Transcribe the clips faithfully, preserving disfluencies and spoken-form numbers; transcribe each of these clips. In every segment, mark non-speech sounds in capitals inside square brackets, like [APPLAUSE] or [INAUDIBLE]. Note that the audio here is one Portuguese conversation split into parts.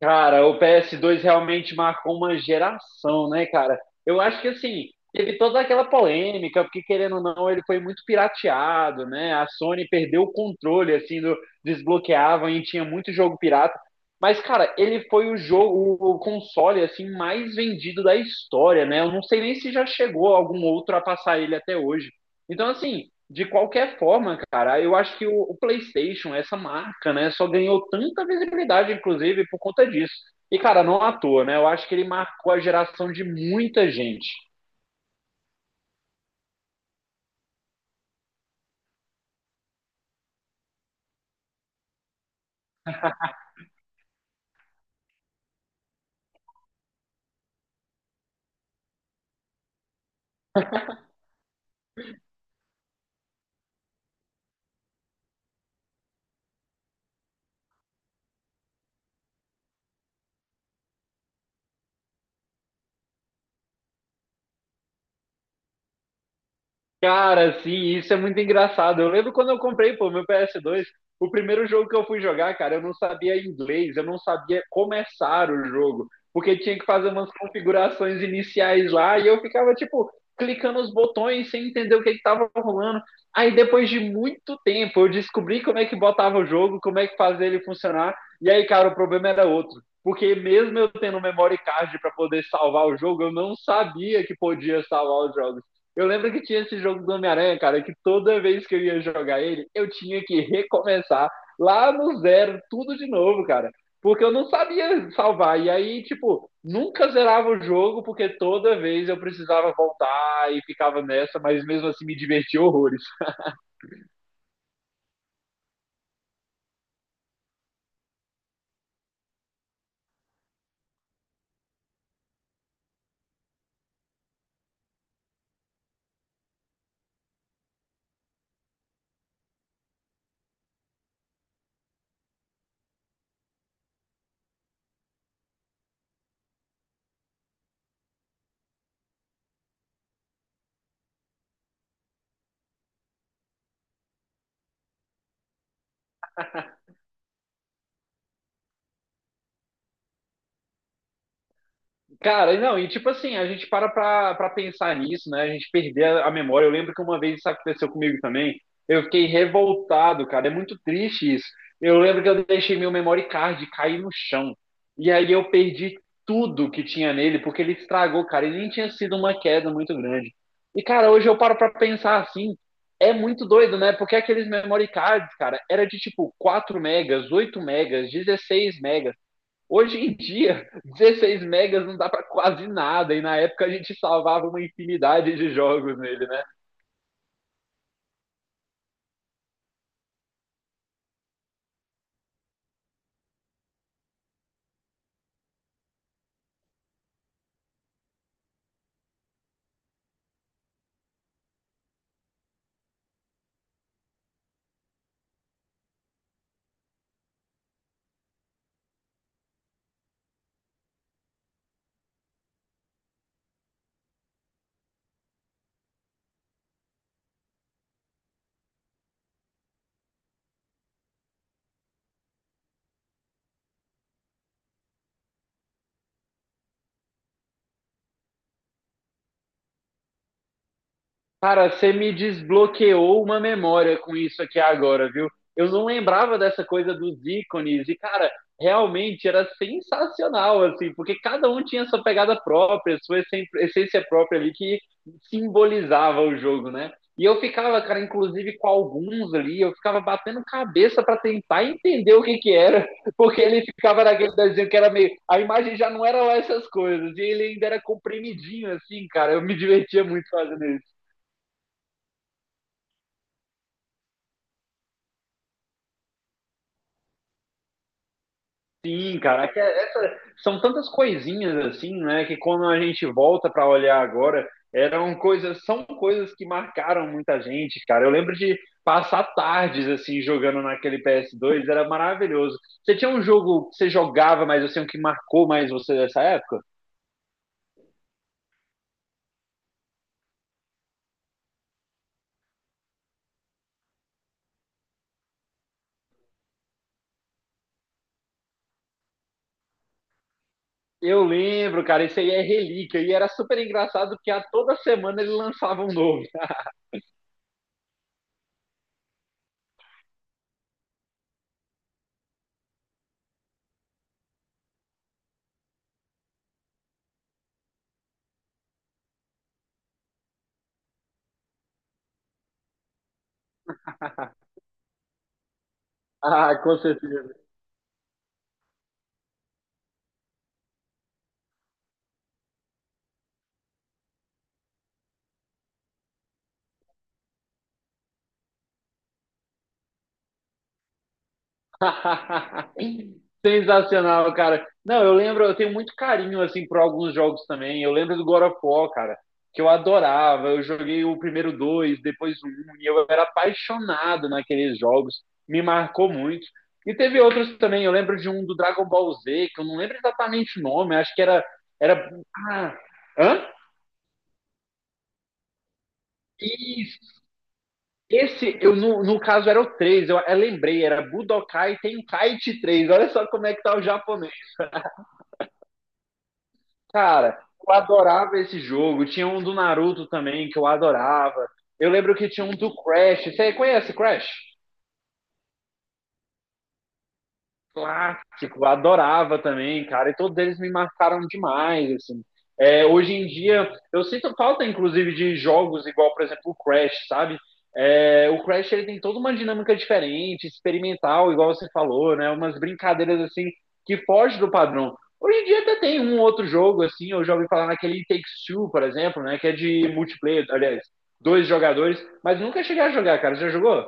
Cara, o P S dois realmente marcou uma geração, né, cara? Eu acho que assim, teve toda aquela polêmica, porque querendo ou não, ele foi muito pirateado, né? A Sony perdeu o controle, assim, do desbloqueavam e tinha muito jogo pirata. Mas, cara, ele foi o jogo, o console, assim, mais vendido da história, né? Eu não sei nem se já chegou algum outro a passar ele até hoje. Então, assim, de qualquer forma, cara, eu acho que o, o PlayStation, essa marca, né, só ganhou tanta visibilidade, inclusive, por conta disso. E, cara, não à toa, né? Eu acho que ele marcou a geração de muita gente. Cara, sim, isso é muito engraçado. Eu lembro quando eu comprei, pô, meu P S dois, o primeiro jogo que eu fui jogar, cara, eu não sabia inglês, eu não sabia começar o jogo, porque tinha que fazer umas configurações iniciais lá e eu ficava, tipo, clicando os botões sem entender o que que tava rolando. Aí depois de muito tempo eu descobri como é que botava o jogo, como é que fazia ele funcionar, e aí, cara, o problema era outro. Porque mesmo eu tendo memory card para poder salvar o jogo, eu não sabia que podia salvar os jogos. Eu lembro que tinha esse jogo do Homem-Aranha, cara, que toda vez que eu ia jogar ele, eu tinha que recomeçar lá no zero, tudo de novo, cara. Porque eu não sabia salvar. E aí, tipo, nunca zerava o jogo, porque toda vez eu precisava voltar e ficava nessa, mas mesmo assim me divertia horrores. Cara, não, e tipo assim, a gente para pra, pra pensar nisso, né? A gente perder a, a memória. Eu lembro que uma vez isso aconteceu comigo também. Eu fiquei revoltado, cara. É muito triste isso. Eu lembro que eu deixei meu memory card cair no chão. E aí eu perdi tudo que tinha nele, porque ele estragou, cara. E nem tinha sido uma queda muito grande. E, cara, hoje eu paro pra pensar assim. É muito doido, né? Porque aqueles memory cards, cara, era de tipo quatro megas, oito megas, dezesseis megas. Hoje em dia, dezesseis megas não dá para quase nada, e na época a gente salvava uma infinidade de jogos nele, né? Cara, você me desbloqueou uma memória com isso aqui agora, viu? Eu não lembrava dessa coisa dos ícones e, cara, realmente era sensacional, assim, porque cada um tinha sua pegada própria, sua essen- essência própria ali que simbolizava o jogo, né? E eu ficava, cara, inclusive com alguns ali, eu ficava batendo cabeça para tentar entender o que que era, [LAUGHS] porque ele ficava naquele desenho que era meio. A imagem já não era lá essas coisas, e ele ainda era comprimidinho, assim, cara. Eu me divertia muito fazendo isso. Sim, cara, é que é- essa- são tantas coisinhas assim, né, que quando a gente volta para olhar agora, eram coisas, são coisas que marcaram muita gente, cara. Eu lembro de passar tardes assim jogando naquele P S dois, era maravilhoso. Você tinha um jogo que você jogava, mas assim, o que marcou mais você dessa época? Eu lembro, cara, esse aí é relíquia e era super engraçado porque a toda semana ele lançava um novo. [LAUGHS] Ah, com certeza. [LAUGHS] Sensacional, cara. Não, eu lembro, eu tenho muito carinho assim por alguns jogos também. Eu lembro do God of War, cara, que eu adorava. Eu joguei o primeiro dois, depois o um, e eu era apaixonado naqueles jogos. Me marcou muito. E teve outros também. Eu lembro de um do Dragon Ball Z, que eu não lembro exatamente o nome. Acho que era era ah, hã? E esse, eu, no, no caso, era o três, eu, eu lembrei, era Budokai Tenkaichi três. Olha só como é que tá o cara, eu adorava esse jogo. Tinha um do Naruto também que eu adorava. Eu lembro que tinha um do Crash. Você conhece Crash? Clássico, adorava também, cara. E todos eles me marcaram demais, assim. É, hoje em dia, eu sinto falta, inclusive, de jogos igual, por exemplo, o Crash, sabe? É, o Crash ele tem toda uma dinâmica diferente, experimental, igual você falou, né? Umas brincadeiras assim que fogem do padrão. Hoje em dia até tem um outro jogo assim, eu já ouvi falar naquele It Takes Two, por exemplo, né? Que é de multiplayer, aliás, dois jogadores, mas nunca cheguei a jogar, cara. Já jogou?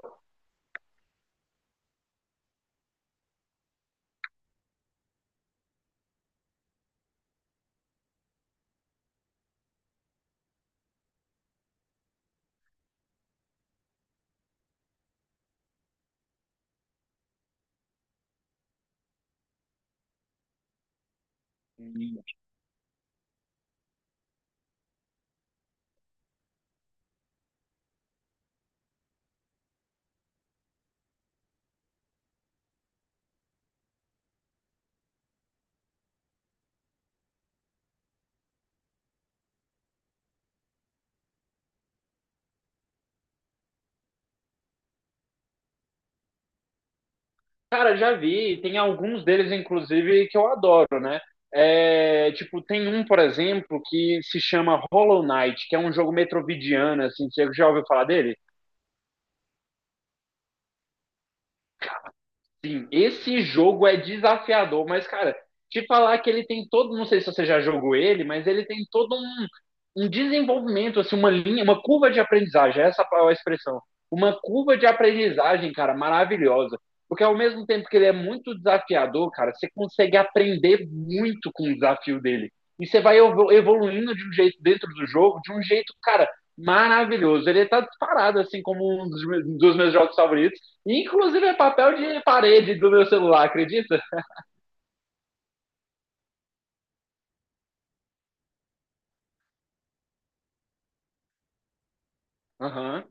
Cara, já vi, tem alguns deles, inclusive, que eu adoro, né? É, tipo, tem um, por exemplo, que se chama Hollow Knight, que é um jogo metroidvania, assim, você já ouviu falar dele? Sim, esse jogo é desafiador, mas, cara, te falar que ele tem todo, não sei se você já jogou ele, mas ele tem todo um, um desenvolvimento, assim, uma linha, uma curva de aprendizagem, essa é a expressão. Uma curva de aprendizagem, cara, maravilhosa. Porque ao mesmo tempo que ele é muito desafiador, cara, você consegue aprender muito com o desafio dele. E você vai evo- evoluindo de um jeito dentro do jogo, de um jeito, cara, maravilhoso. Ele tá disparado, assim, como um dos, meus- dos meus jogos favoritos. Inclusive é papel de parede do meu celular, acredita? Aham.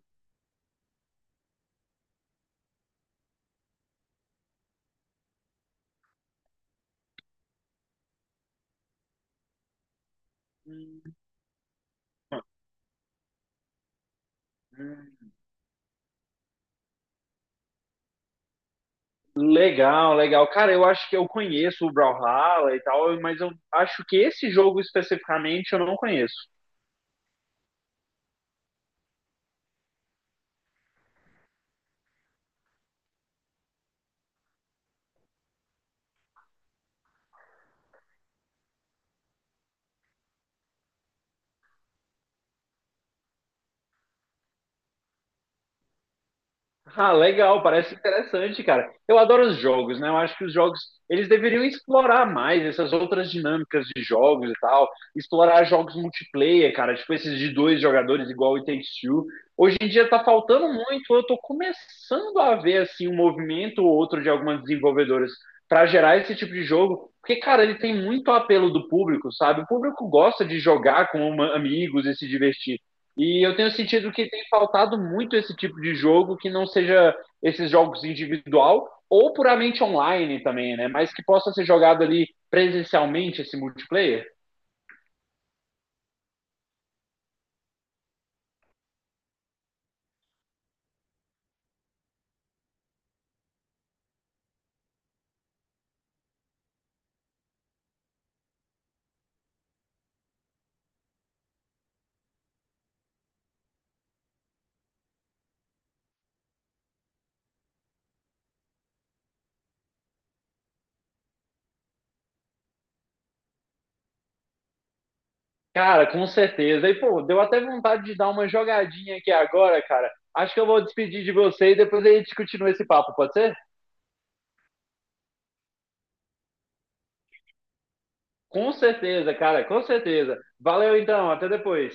Legal, legal. Cara, eu acho que eu conheço o Brawlhalla e tal, mas eu acho que esse jogo especificamente eu não conheço. Ah, legal, parece interessante, cara. Eu adoro os jogos, né? Eu acho que os jogos, eles deveriam explorar mais essas outras dinâmicas de jogos e tal, explorar jogos multiplayer, cara, tipo esses de dois jogadores igual o It Takes Two. Hoje em dia tá faltando muito, eu tô começando a ver assim um movimento ou outro de algumas desenvolvedoras para gerar esse tipo de jogo, porque cara, ele tem muito apelo do público, sabe? O público gosta de jogar com uma- amigos e se divertir. E eu tenho sentido que tem faltado muito esse tipo de jogo que não seja esses jogos individual ou puramente online também, né? Mas que possa ser jogado ali presencialmente esse multiplayer. Cara, com certeza. E pô, deu até vontade de dar uma jogadinha aqui agora, cara. Acho que eu vou despedir de você e depois a gente continua esse papo, pode ser? Com certeza, cara, com certeza. Valeu então, até depois.